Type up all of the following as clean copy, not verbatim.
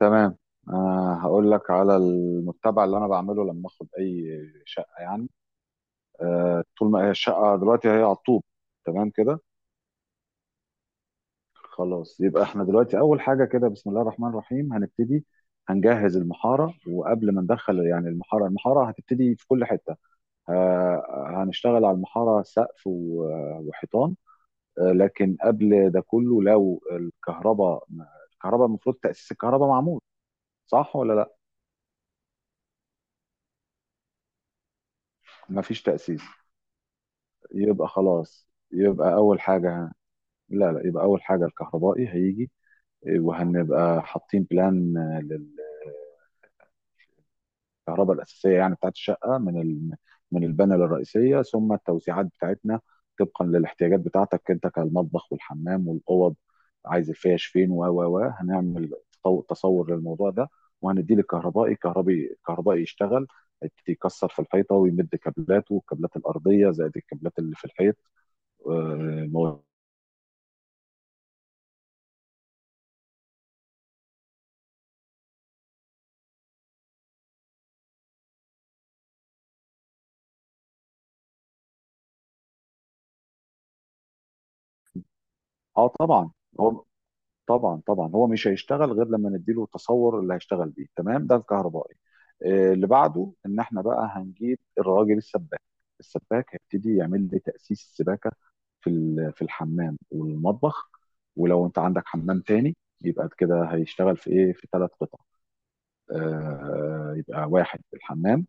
تمام. هقول لك على المتبع اللي انا بعمله لما اخد اي شقه أه، طول ما هي الشقه دلوقتي هي على الطوب. تمام كده. خلاص، يبقى احنا دلوقتي اول حاجه كده بسم الله الرحمن الرحيم هنبتدي. هنجهز المحاره، وقبل ما ندخل يعني المحاره، هتبتدي في كل حته. أه، هنشتغل على المحاره سقف و- وحيطان. أه لكن قبل ده كله لو الكهرباء، المفروض تاسيس الكهرباء معمول، صح ولا لا؟ مفيش تاسيس؟ يبقى خلاص، يبقى أول حاجة. لا لا، يبقى أول حاجة الكهربائي هيجي، وهنبقى حاطين بلان للكهرباء الأساسية يعني بتاعت الشقة من من البانل الرئيسية، ثم التوسيعات بتاعتنا طبقا للاحتياجات بتاعتك أنت، كالمطبخ والحمام والأوض. عايز الفيش فين، و هنعمل تصور للموضوع ده وهنديه للكهربائي. كهربائي يشتغل يكسر في الحيطة ويمد كابلاته، والكابلات الأرضية زائد الكابلات اللي في الحيط. اه طبعا. هو طبعا هو مش هيشتغل غير لما نديله التصور اللي هيشتغل بيه، تمام؟ ده الكهربائي. آه، اللي بعده ان احنا بقى هنجيب الراجل السباك. السباك هيبتدي يعمل لي تأسيس السباكة في في الحمام والمطبخ، ولو انت عندك حمام تاني، يبقى كده هيشتغل في ايه، في ثلاث قطع. آه، يبقى واحد الحمام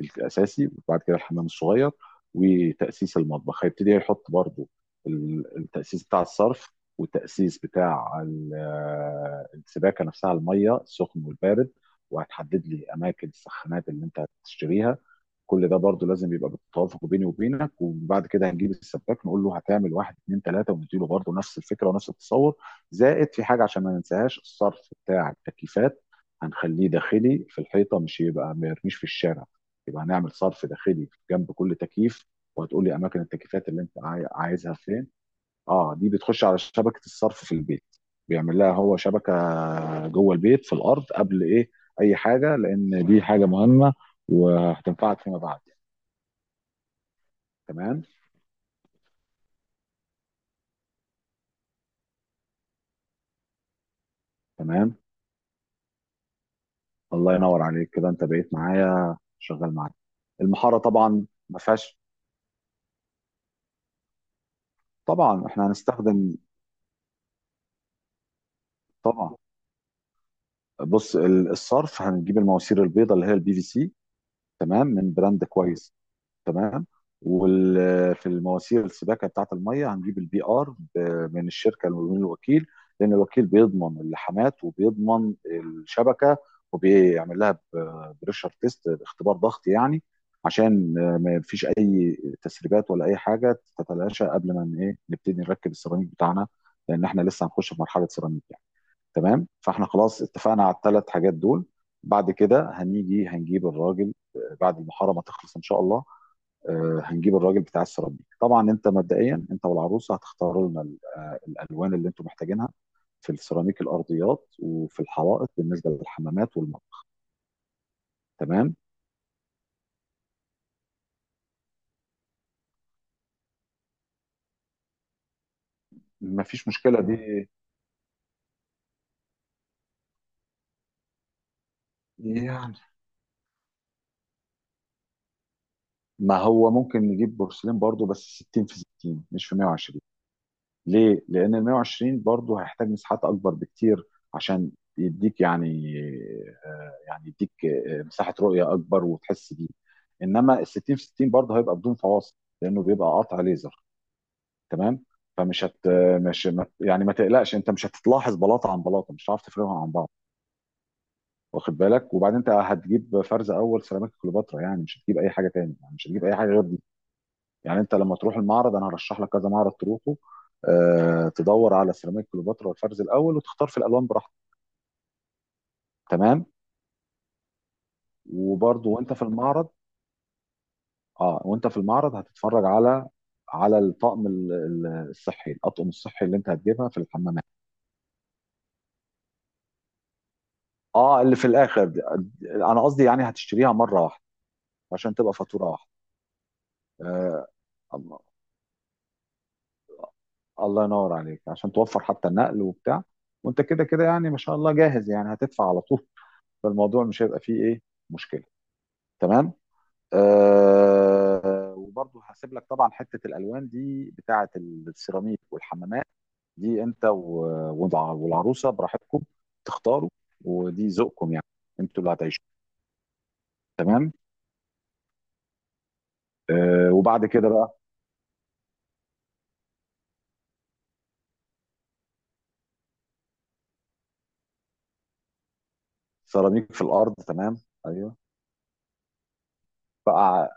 الاساسي، وبعد كده الحمام الصغير، وتاسيس المطبخ. هيبتدي يحط برضو التاسيس بتاع الصرف، والتاسيس بتاع السباكه نفسها، الميه السخن والبارد، وهتحدد لي اماكن السخانات اللي انت هتشتريها. كل ده برضه لازم يبقى بالتوافق بيني وبينك. وبعد كده هنجيب السباك نقول له هتعمل واحد اتنين تلاته، ونديله برضه نفس الفكره ونفس التصور. زائد في حاجه عشان ما ننساهاش، الصرف بتاع التكييفات هنخليه داخلي في الحيطه، مش يبقى ما يرميش في الشارع. يبقى هنعمل صرف داخلي جنب كل تكييف، وهتقول لي اماكن التكييفات اللي انت عايزها فين. اه دي بتخش على شبكه الصرف في البيت. بيعمل لها هو شبكه جوه البيت في الارض قبل ايه، اي حاجه، لان دي حاجه مهمه وهتنفعك فيما بعد. تمام. تمام. الله ينور عليك، كده انت بقيت معايا شغال معايا. المحاره طبعا ما فيهاش. طبعا احنا هنستخدم. طبعا. بص، الصرف هنجيب المواسير البيضاء اللي هي البي في سي، تمام، من براند كويس. تمام. وفي المواسير السباكه بتاعه الميه هنجيب البي ار، من الشركه من الوكيل، لان الوكيل بيضمن اللحامات، وبيضمن الشبكه، وبيعمل لها بريشر تيست، اختبار ضغط يعني، عشان ما فيش اي تسريبات ولا اي حاجه تتلاشى قبل ما ايه نبتدي نركب السيراميك بتاعنا، لان احنا لسه هنخش في مرحله سيراميك يعني. تمام، فاحنا خلاص اتفقنا على الثلاث حاجات دول. بعد كده هنيجي هنجيب الراجل، بعد المحاره ما تخلص ان شاء الله. آه، هنجيب الراجل بتاع السيراميك. طبعا انت مبدئيا انت والعروسه هتختاروا لنا الالوان اللي انتم محتاجينها في السيراميك الارضيات، وفي الحوائط بالنسبه للحمامات والمطبخ. تمام. مفيش مشكله دي. يعني ما هو ممكن نجيب بورسلين برضو، بس 60 في 60 مش في 120. ليه؟ لأن ال 120 برضه هيحتاج مساحات أكبر بكتير، عشان يديك يعني، آه، يديك آه، مساحة رؤية أكبر وتحس بيه. إنما ال 60 في 60 برضه هيبقى بدون فواصل، لأنه بيبقى قطع ليزر، تمام؟ فمش هت مش ما تقلقش، أنت مش هتلاحظ بلاطة عن بلاطة، مش هتعرف تفرقهم عن بعض. واخد بالك؟ وبعدين أنت هتجيب فرز أول سيراميك كليوباترا، يعني مش هتجيب أي حاجة تاني، يعني مش هتجيب أي حاجة غير، يعني انت لما تروح المعرض انا هرشح لك كذا معرض تروحه، آه، تدور على سيراميك كليوباترا والفرز الاول، وتختار في الالوان براحتك. تمام. وبرضه وانت في المعرض، اه وانت في المعرض هتتفرج على، على الطقم الصحي، الاطقم الصحي اللي انت هتجيبها في الحمامات. اه اللي في الاخر دي، انا قصدي يعني هتشتريها مره واحده عشان تبقى فاتوره واحده. آه الله ينور عليك، عشان توفر حتى النقل وبتاع. وانت كده كده يعني ما شاء الله جاهز، يعني هتدفع على طول، فالموضوع مش هيبقى فيه ايه، مشكله. تمام. آه وبرضه هسيب لك طبعا حته الالوان دي، بتاعه السيراميك والحمامات، دي انت والعروسه براحتكم تختاروا، ودي ذوقكم يعني، انتوا اللي هتعيشوا. تمام. آه وبعد كده بقى. سيراميك في الارض، تمام. ايوه. بقى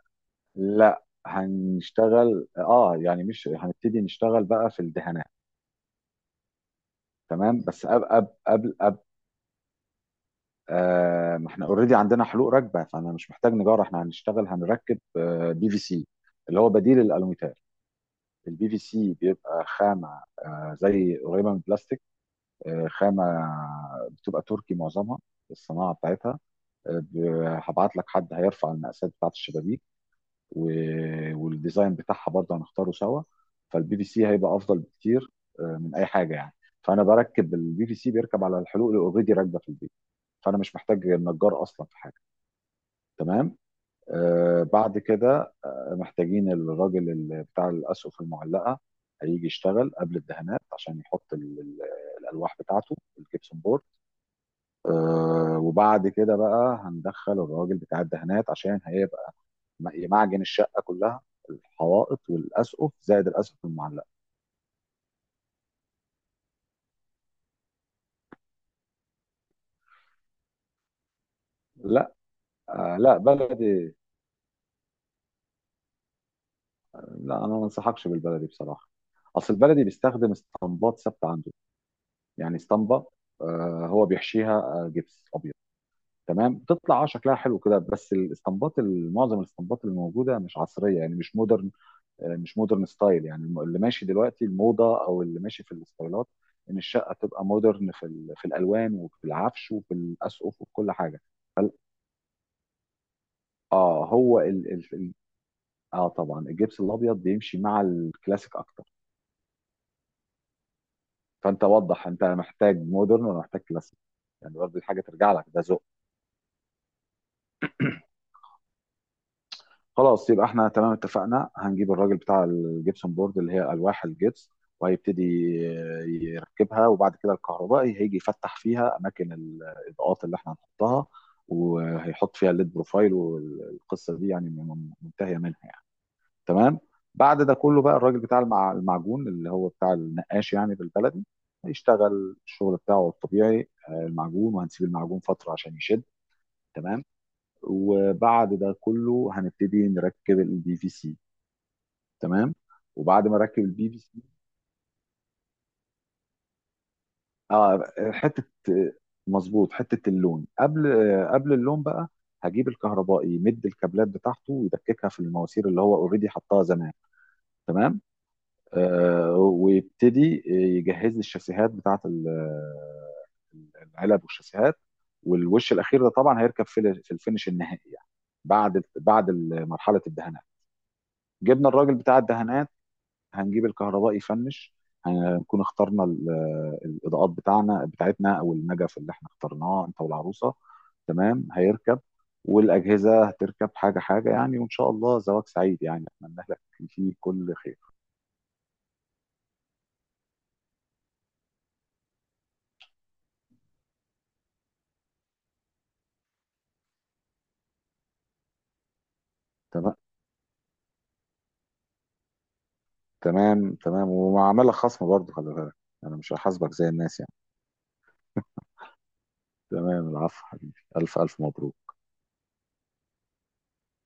لا هنشتغل اه يعني مش هنبتدي نشتغل بقى في الدهانات. تمام بس قبل، آه، ما احنا اوريدي عندنا حلوق ركبه، فانا مش محتاج نجار، احنا هنشتغل هنركب بي في سي اللي هو بديل الالوميتال. البي في سي بيبقى خامه آه، زي قريبه من البلاستيك، آه، خامه بتبقى تركي معظمها الصناعه بتاعتها. آه، هبعت لك حد هيرفع المقاسات بتاعت الشبابيك والديزاين بتاعها برضه هنختاره سوا. فالبي في سي هيبقى افضل بكتير آه، من اي حاجه يعني. فانا بركب البي في سي بيركب على الحلوق اللي اوريدي راكبه في البيت، فانا مش محتاج نجار اصلا في حاجه. تمام. آه بعد كده محتاجين الراجل اللي بتاع الأسقف المعلقة، هيجي يشتغل قبل الدهانات عشان يحط الألواح بتاعته الجبسون بورد. آه وبعد كده بقى هندخل الراجل بتاع الدهانات، عشان هيبقى يمعجن الشقة كلها، الحوائط والأسقف زائد الأسقف المعلقة. لا، آه لا بلدي، لا أنا ما انصحكش بالبلدي بصراحة. أصل البلدي بيستخدم اسطمبات ثابتة عنده، يعني اسطمبة آه هو بيحشيها آه، جبس أبيض، تمام، تطلع اه شكلها حلو كده، بس الاسطمبات معظم الاسطمبات اللي موجوده مش عصريه، يعني مش مودرن، آه، مش مودرن ستايل. يعني اللي ماشي دلوقتي الموضه، او اللي ماشي في الستايلات، ان الشقه تبقى مودرن في في الالوان وفي العفش وفي الاسقف وفي كل حاجه. فال- اه هو ال ال ال- اه طبعا الجبس الابيض بيمشي مع الكلاسيك اكتر. فانت وضح انت محتاج مودرن ولا محتاج كلاسيك، يعني برضه الحاجه ترجع لك، ده ذوق. خلاص يبقى احنا تمام اتفقنا، هنجيب الراجل بتاع الجبسون بورد اللي هي الواح الجبس، وهيبتدي يركبها. وبعد كده الكهربائي هيجي يفتح فيها اماكن الاضاءات اللي احنا هنحطها، وهيحط فيها الليد بروفايل، والقصه دي يعني منتهيه منها يعني. تمام. بعد ده كله بقى الراجل بتاع المعجون اللي هو بتاع النقاش يعني بالبلدي، هيشتغل الشغل بتاعه الطبيعي آه، المعجون، وهنسيب المعجون فتره عشان يشد. تمام. وبعد ده كله هنبتدي نركب البي في سي. تمام. وبعد ما اركب البي في سي، اه حته، مظبوط حته اللون، قبل قبل اللون بقى، هجيب الكهربائي يمد الكابلات بتاعته ويدككها في المواسير اللي هو اوريدي حطها زمان. تمام. آه ويبتدي يجهز لي الشاسيهات بتاعت العلب والشاسيهات، والوش الاخير ده طبعا هيركب في في الفينش النهائي يعني، بعد مرحله الدهانات. جبنا الراجل بتاع الدهانات، هنجيب الكهرباء يفنش، هنكون اخترنا الاضاءات بتاعتنا، او النجف اللي احنا اخترناه انت والعروسه. تمام، هيركب، والاجهزه هتركب حاجه حاجه يعني. وان شاء الله زواج سعيد يعني، اتمنى لك فيه كل خير. تمام تمام تمام، ومع عملك خصم برضه، خلي بالك، انا مش هحاسبك زي الناس يعني. تمام، العفو حبيبي، الف الف مبروك.